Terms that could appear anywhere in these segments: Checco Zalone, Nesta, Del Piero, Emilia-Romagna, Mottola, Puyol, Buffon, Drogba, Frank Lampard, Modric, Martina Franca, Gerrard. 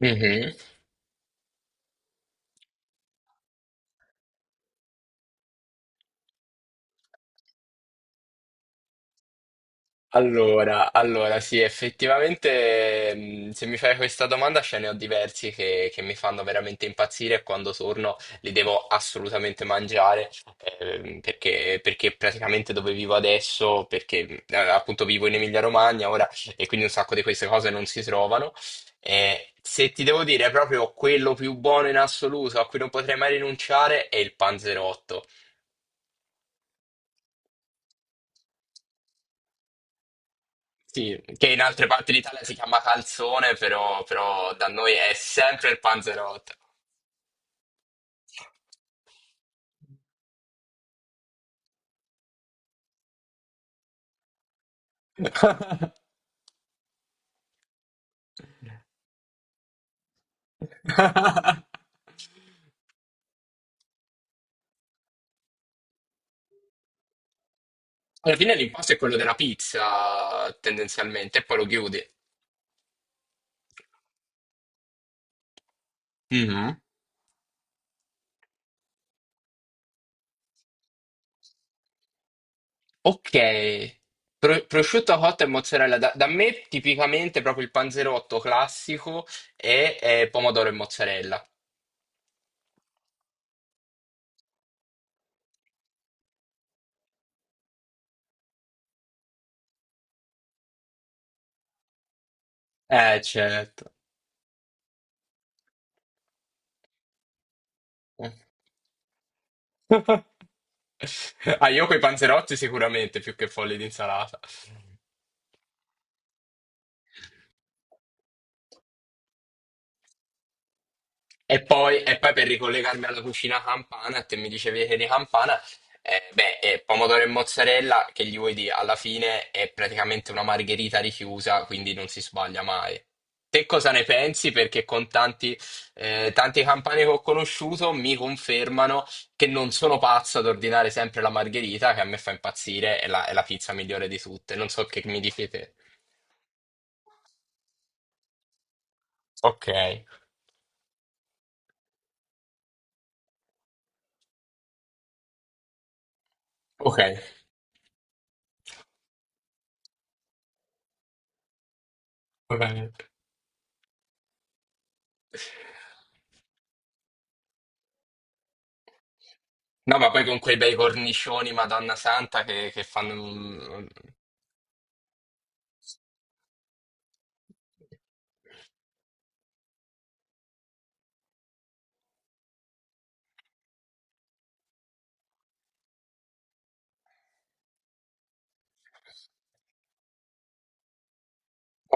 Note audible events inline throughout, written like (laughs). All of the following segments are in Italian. Mhm. Allora, sì, effettivamente, se mi fai questa domanda, ce ne ho diversi che mi fanno veramente impazzire e quando torno li devo assolutamente mangiare, perché praticamente dove vivo adesso, perché appunto vivo in Emilia-Romagna ora e quindi un sacco di queste cose non si trovano. Se ti devo dire proprio quello più buono in assoluto a cui non potrei mai rinunciare è il panzerotto. Sì, che in altre parti d'Italia si chiama calzone, però da noi è sempre il panzerotto. (laughs) Alla fine l'impasto è quello della pizza, tendenzialmente, e poi lo chiudi. Mhm. Ok. Prosciutto cotto e mozzarella. Da me tipicamente proprio il panzerotto classico è pomodoro e mozzarella. Certo. (laughs) Ah, io coi panzerotti sicuramente più che fogli di insalata. E poi per ricollegarmi alla cucina campana, te mi dicevi che di campana, pomodoro e mozzarella, che gli vuoi dire, alla fine è praticamente una margherita richiusa, quindi non si sbaglia mai. Te cosa ne pensi? Tanti campani che ho conosciuto mi confermano che non sono pazzo ad ordinare sempre la margherita, che a me fa impazzire, è è la pizza migliore di tutte. Non so che mi dici te. Ok, ok, va bene. No, ma poi con quei bei cornicioni, Madonna Santa, che fanno...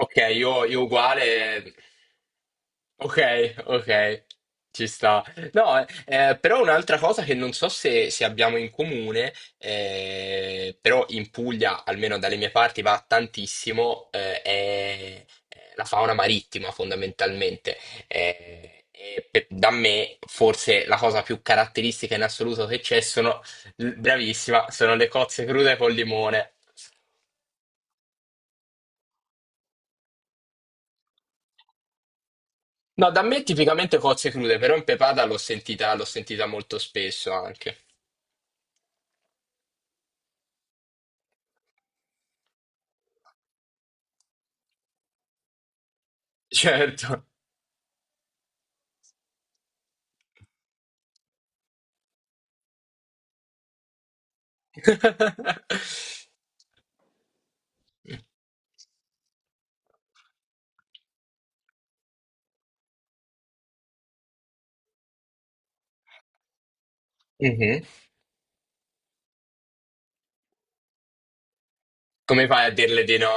Ok, io uguale. Ok, ok, ci sta. No, però un'altra cosa che non so se abbiamo in comune, però in Puglia, almeno dalle mie parti, va tantissimo, è la fauna marittima fondamentalmente. Da me, forse la cosa più caratteristica in assoluto che c'è sono, bravissima, sono le cozze crude col limone. No, da me tipicamente cozze crude, però in pepata l'ho sentita molto spesso anche. Certo. (laughs) Mhm. Come fai a dirle di no?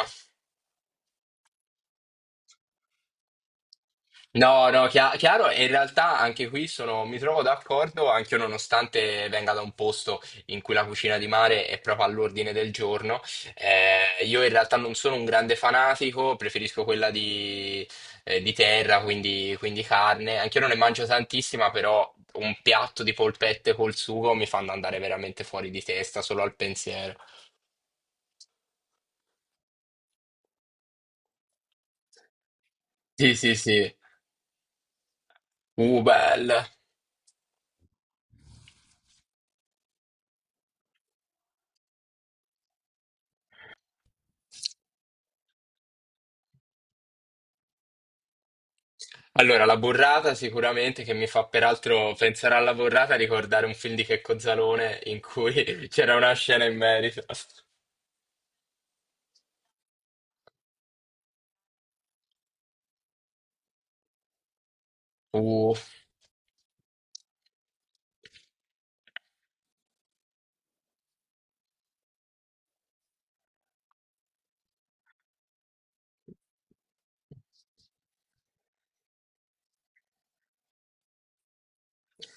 No, no, chiaro, e in realtà anche qui sono, mi trovo d'accordo, anche io nonostante venga da un posto in cui la cucina di mare è proprio all'ordine del giorno, io in realtà non sono un grande fanatico, preferisco quella di terra, quindi carne, anche io non ne mangio tantissima, però un piatto di polpette col sugo mi fanno andare veramente fuori di testa solo al pensiero. Sì, sì, sì, bello. Allora, la burrata sicuramente che mi fa peraltro pensare alla burrata e ricordare un film di Checco Zalone in cui (laughs) c'era una scena in merito. Uh.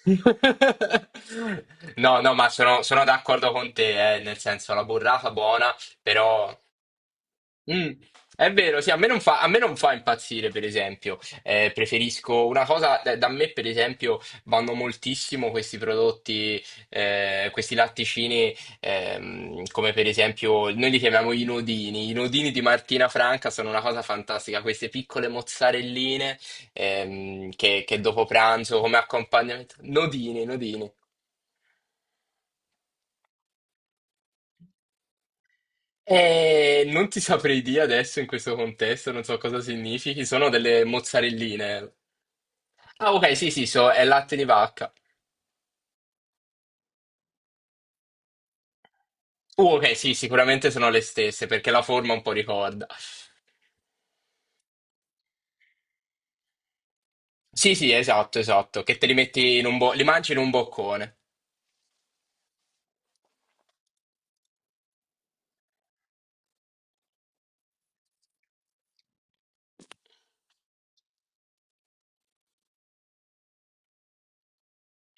(laughs) No, no, sono d'accordo con te, nel senso la burrata buona, però Mm, è vero, sì, a me non fa impazzire, per esempio. Preferisco una cosa, da da me, per esempio, vanno moltissimo questi prodotti, questi latticini, come per esempio, noi li chiamiamo i nodini. I nodini di Martina Franca sono una cosa fantastica, queste piccole mozzarelline, che dopo pranzo, come accompagnamento. Nodini, nodini. Non ti saprei dire adesso in questo contesto, non so cosa significhi, sono delle mozzarelline. Ah, ok, sì, sì, so, è latte di vacca. Ok, sì, sicuramente sono le stesse perché la forma un po' ricorda. Sì, sì, esatto, esatto, che te li metti in un li mangi in un boccone.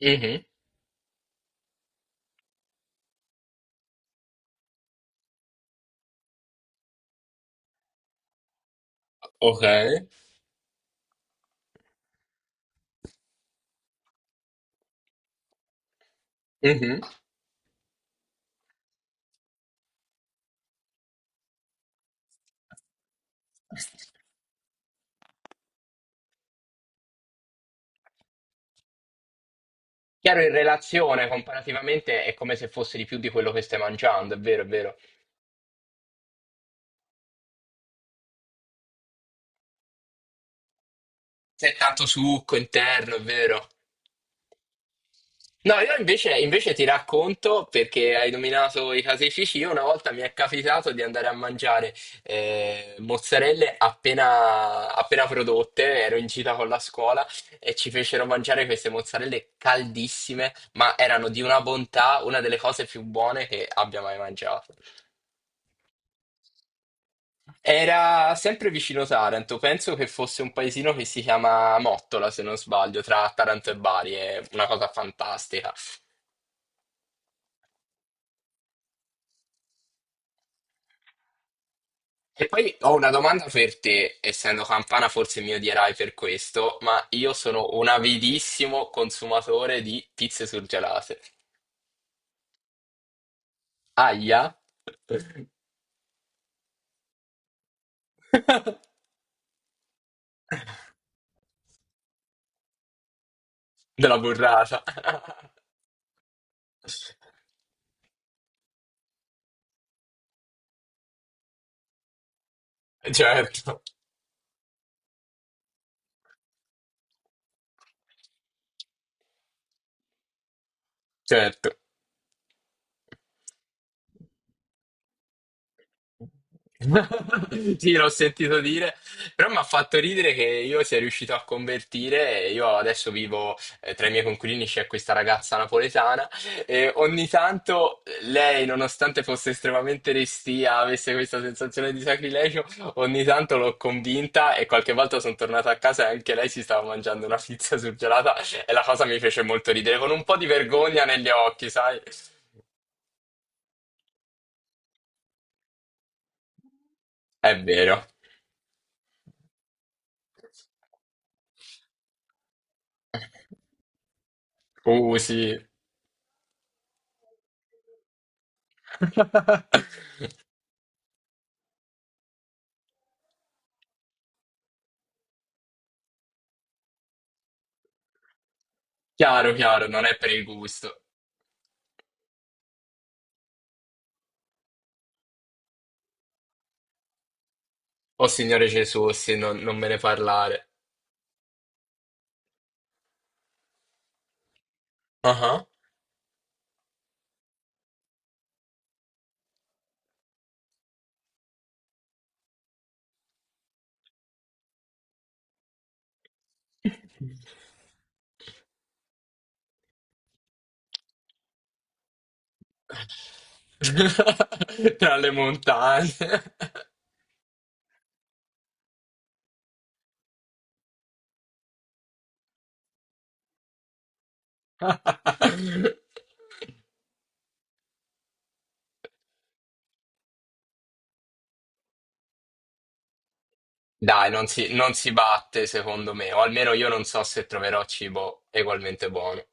Mhm. Ok. Mhm. Chiaro, in relazione, comparativamente, è come se fosse di più di quello che stai mangiando, è vero, è vero. C'è tanto succo interno, è vero. No, io invece, invece ti racconto, perché hai nominato i caseifici, io una volta mi è capitato di andare a mangiare mozzarelle appena, appena prodotte, ero in gita con la scuola e ci fecero mangiare queste mozzarelle caldissime, ma erano di una bontà, una delle cose più buone che abbia mai mangiato. Era sempre vicino Taranto, penso che fosse un paesino che si chiama Mottola, se non sbaglio, tra Taranto e Bari, è una cosa fantastica. E poi ho una domanda per te, essendo campana forse mi odierai per questo, ma io sono un avidissimo consumatore di pizze surgelate. Aia? (laughs) Della burrata. (laughs) Certo, certo. (laughs) Sì, l'ho sentito dire, però mi ha fatto ridere che io sia riuscito a convertire. E io adesso vivo tra i miei coinquilini, c'è questa ragazza napoletana e ogni tanto lei, nonostante fosse estremamente restia, avesse questa sensazione di sacrilegio, ogni tanto l'ho convinta e qualche volta sono tornata a casa e anche lei si stava mangiando una pizza surgelata e la cosa mi fece molto ridere, con un po' di vergogna negli occhi, sai? È vero. Sì. (laughs) Chiaro, chiaro, non è per il gusto. Oh Signore Gesù, sì, non me ne parlare. Ah ah. (laughs) Tra le montagne. (laughs) Dai, non si batte secondo me, o almeno io non so se troverò cibo ugualmente buono.